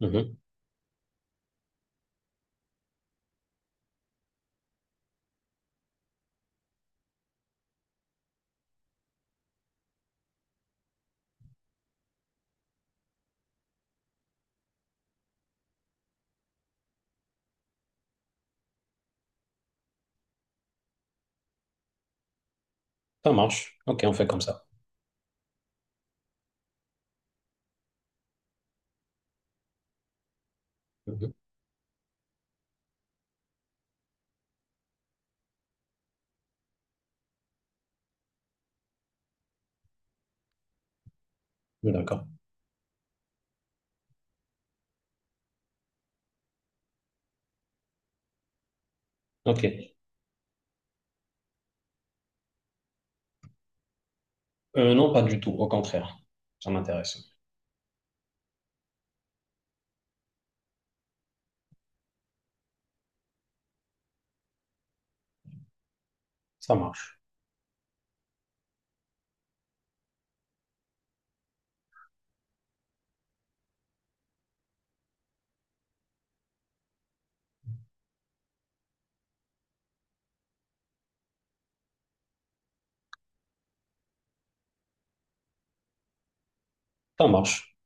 Mhm. Ça marche. Ok, on fait comme ça. Mhm. Oui, d'accord. Ok. Non, pas du tout. Au contraire. Ça m'intéresse. Ça marche. Ça marche.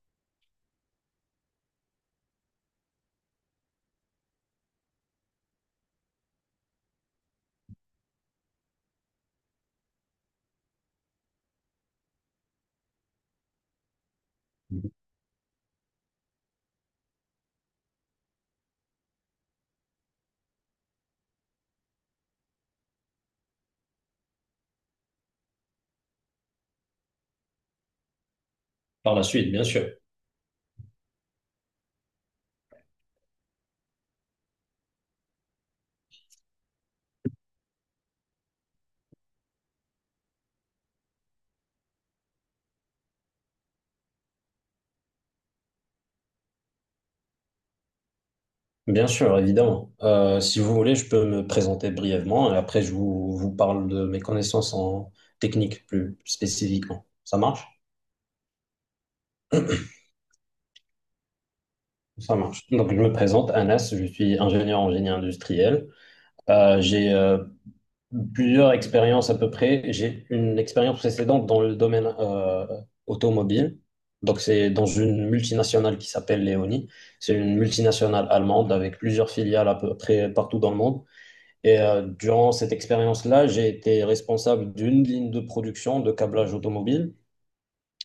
Mhm. Par la suite, bien sûr. Bien sûr, évidemment. Si vous voulez, je peux me présenter brièvement et après, je vous parle de mes connaissances en technique plus spécifiquement. Ça marche? Ça marche. Donc, je me présente, Anas, je suis ingénieur en génie industriel. J'ai plusieurs expériences à peu près. J'ai une expérience précédente dans le domaine automobile. Donc, c'est dans une multinationale qui s'appelle Leoni. C'est une multinationale allemande avec plusieurs filiales à peu près partout dans le monde. Et durant cette expérience-là, j'ai été responsable d'une ligne de production de câblage automobile.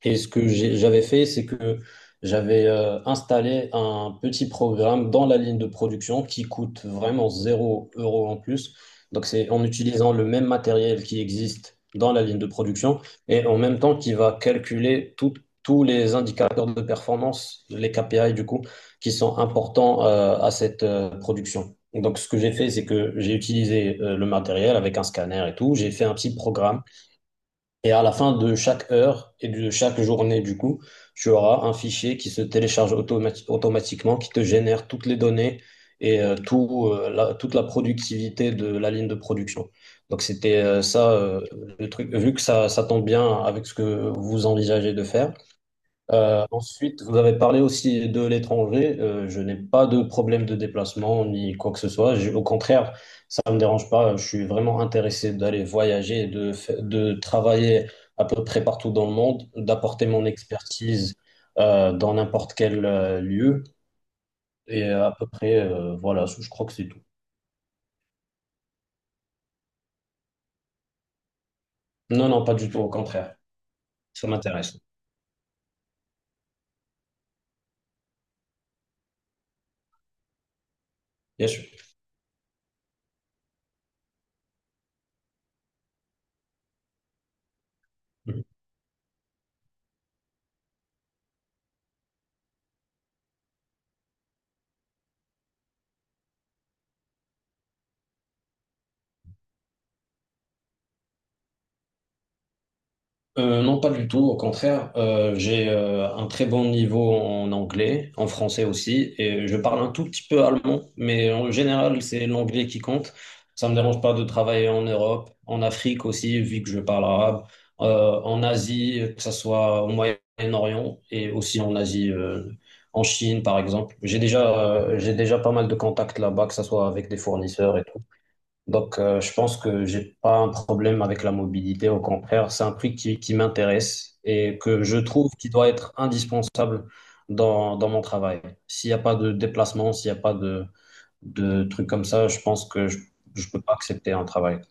Et ce que j'avais fait, c'est que j'avais installé un petit programme dans la ligne de production qui coûte vraiment 0 euro en plus. Donc c'est en utilisant le même matériel qui existe dans la ligne de production et en même temps qui va calculer tous les indicateurs de performance, les KPI du coup, qui sont importants à cette production. Donc ce que j'ai fait, c'est que j'ai utilisé le matériel avec un scanner et tout. J'ai fait un petit programme et à la fin de chaque heure et de chaque journée, du coup, tu auras un fichier qui se télécharge automatiquement, qui te génère toutes les données et tout, toute la productivité de la ligne de production. Donc c'était ça, le truc. Vu que ça tombe bien avec ce que vous envisagez de faire, ensuite, vous avez parlé aussi de l'étranger. Je n'ai pas de problème de déplacement ni quoi que ce soit. Au contraire, ça ne me dérange pas. Je suis vraiment intéressé d'aller voyager, et de travailler à peu près partout dans le monde, d'apporter mon expertise dans n'importe quel lieu. Et à peu près, voilà, je crois que c'est tout. Non, non, pas du tout. Au contraire, ça m'intéresse. Bien sûr. Non, pas du tout. Au contraire, j'ai un très bon niveau en anglais, en français aussi, et je parle un tout petit peu allemand, mais en général, c'est l'anglais qui compte. Ça me dérange pas de travailler en Europe, en Afrique aussi, vu que je parle arabe, en Asie, que ce soit au Moyen-Orient et aussi en Asie, en Chine, par exemple. J'ai déjà pas mal de contacts là-bas, que ce soit avec des fournisseurs et tout. Donc, je pense que j'ai pas un problème avec la mobilité. Au contraire, c'est un prix qui m'intéresse et que je trouve qui doit être indispensable dans mon travail. S'il n'y a pas de déplacement, s'il n'y a pas de trucs comme ça, je pense que je peux pas accepter un travail.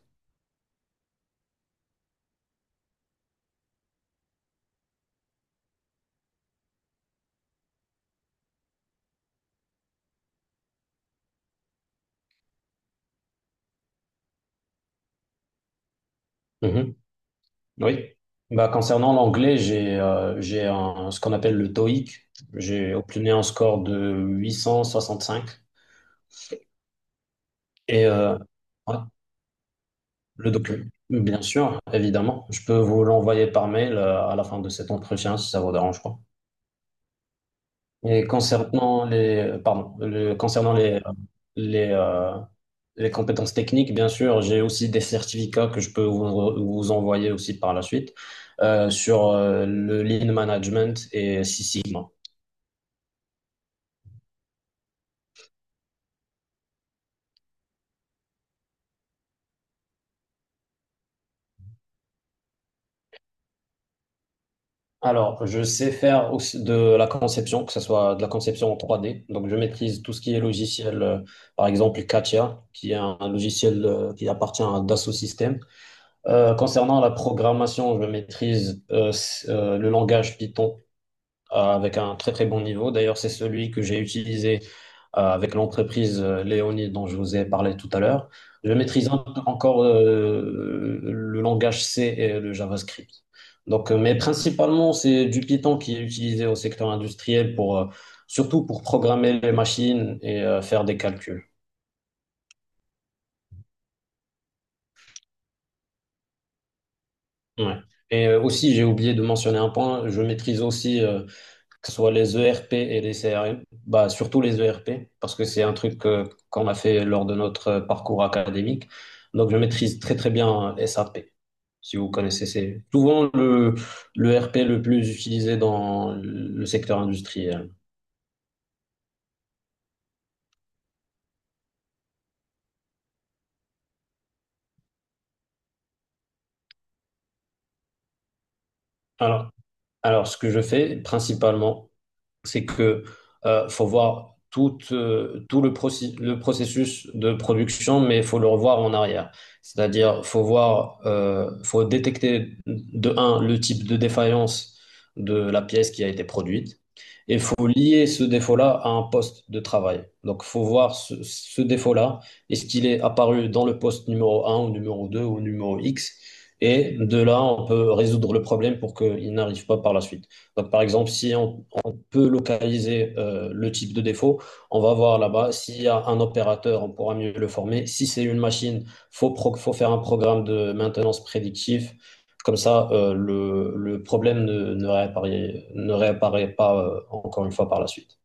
Mhm. Oui. Bah, concernant l'anglais, j'ai un, ce qu'on appelle le TOEIC. J'ai obtenu un score de 865 et ouais. Le document, bien sûr, évidemment. Je peux vous l'envoyer par mail à la fin de cet entretien si ça vous dérange pas. Et concernant les, pardon, les, euh, les compétences techniques, bien sûr, j'ai aussi des certificats que je peux vous envoyer aussi par la suite sur le Lean Management et Six Sigma. Alors, je sais faire aussi de la conception, que ce soit de la conception en 3D. Donc, je maîtrise tout ce qui est logiciel, par exemple Katia, qui est un logiciel qui appartient à Dassault Systèmes. Concernant la programmation, je maîtrise le langage Python avec un très très bon niveau. D'ailleurs, c'est celui que j'ai utilisé avec l'entreprise Léonie dont je vous ai parlé tout à l'heure. Je maîtrise un peu encore le langage C et le JavaScript. Donc, mais principalement, c'est du Python qui est utilisé au secteur industriel pour, surtout pour programmer les machines et faire des calculs. Ouais. Et aussi, j'ai oublié de mentionner un point, je maîtrise aussi que ce soit les ERP et les CRM, bah, surtout les ERP, parce que c'est un truc qu'on a fait lors de notre parcours académique. Donc, je maîtrise très, très bien SAP, si vous connaissez. C'est souvent le ERP le plus utilisé dans le secteur industriel. Alors, alors, ce que je fais principalement, c'est que faut voir tout le processus de production, mais faut le revoir en arrière. C'est-à-dire, faut détecter de un le type de défaillance de la pièce qui a été produite, et faut lier ce défaut-là à un poste de travail. Donc, faut voir ce défaut-là, est-ce qu'il est apparu dans le poste numéro un ou numéro 2 ou numéro X? Et de là, on peut résoudre le problème pour qu'il n'arrive pas par la suite. Donc, par exemple, si on peut localiser le type de défaut. On va voir là-bas. S'il y a un opérateur, on pourra mieux le former. Si c'est une machine, faut faire un programme de maintenance prédictif. Comme ça, le problème ne réapparaît pas encore une fois par la suite.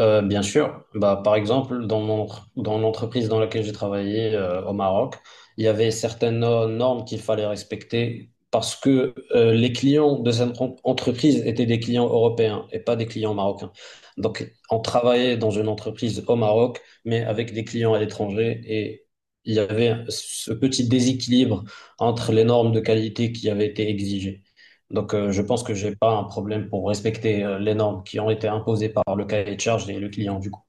Bien sûr. Bah, par exemple, dans l'entreprise dans laquelle j'ai travaillé au Maroc, il y avait certaines normes qu'il fallait respecter parce que les clients de cette entreprise étaient des clients européens et pas des clients marocains. Donc, on travaillait dans une entreprise au Maroc, mais avec des clients à l'étranger et il y avait ce petit déséquilibre entre les normes de qualité qui avaient été exigées. Donc, je pense que j'ai pas un problème pour respecter les normes qui ont été imposées par le cahier de charge et le client, du coup.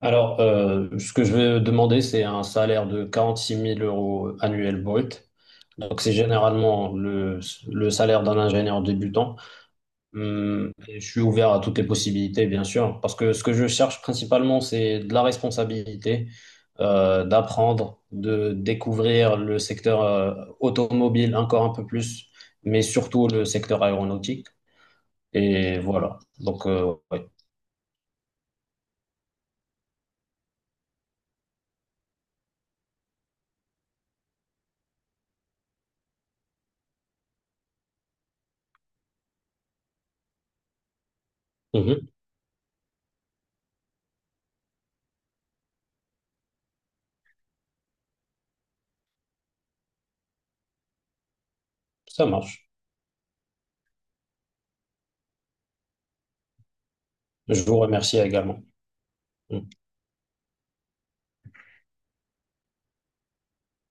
Alors, ce que je vais demander, c'est un salaire de 46 000 euros annuel brut. Donc, c'est généralement le salaire d'un ingénieur débutant. Et je suis ouvert à toutes les possibilités, bien sûr, parce que ce que je cherche principalement, c'est de la responsabilité, d'apprendre, de découvrir le secteur, automobile encore un peu plus, mais surtout le secteur aéronautique. Et voilà. Donc, ouais. Mhm. Ça marche. Je vous remercie également. Mmh.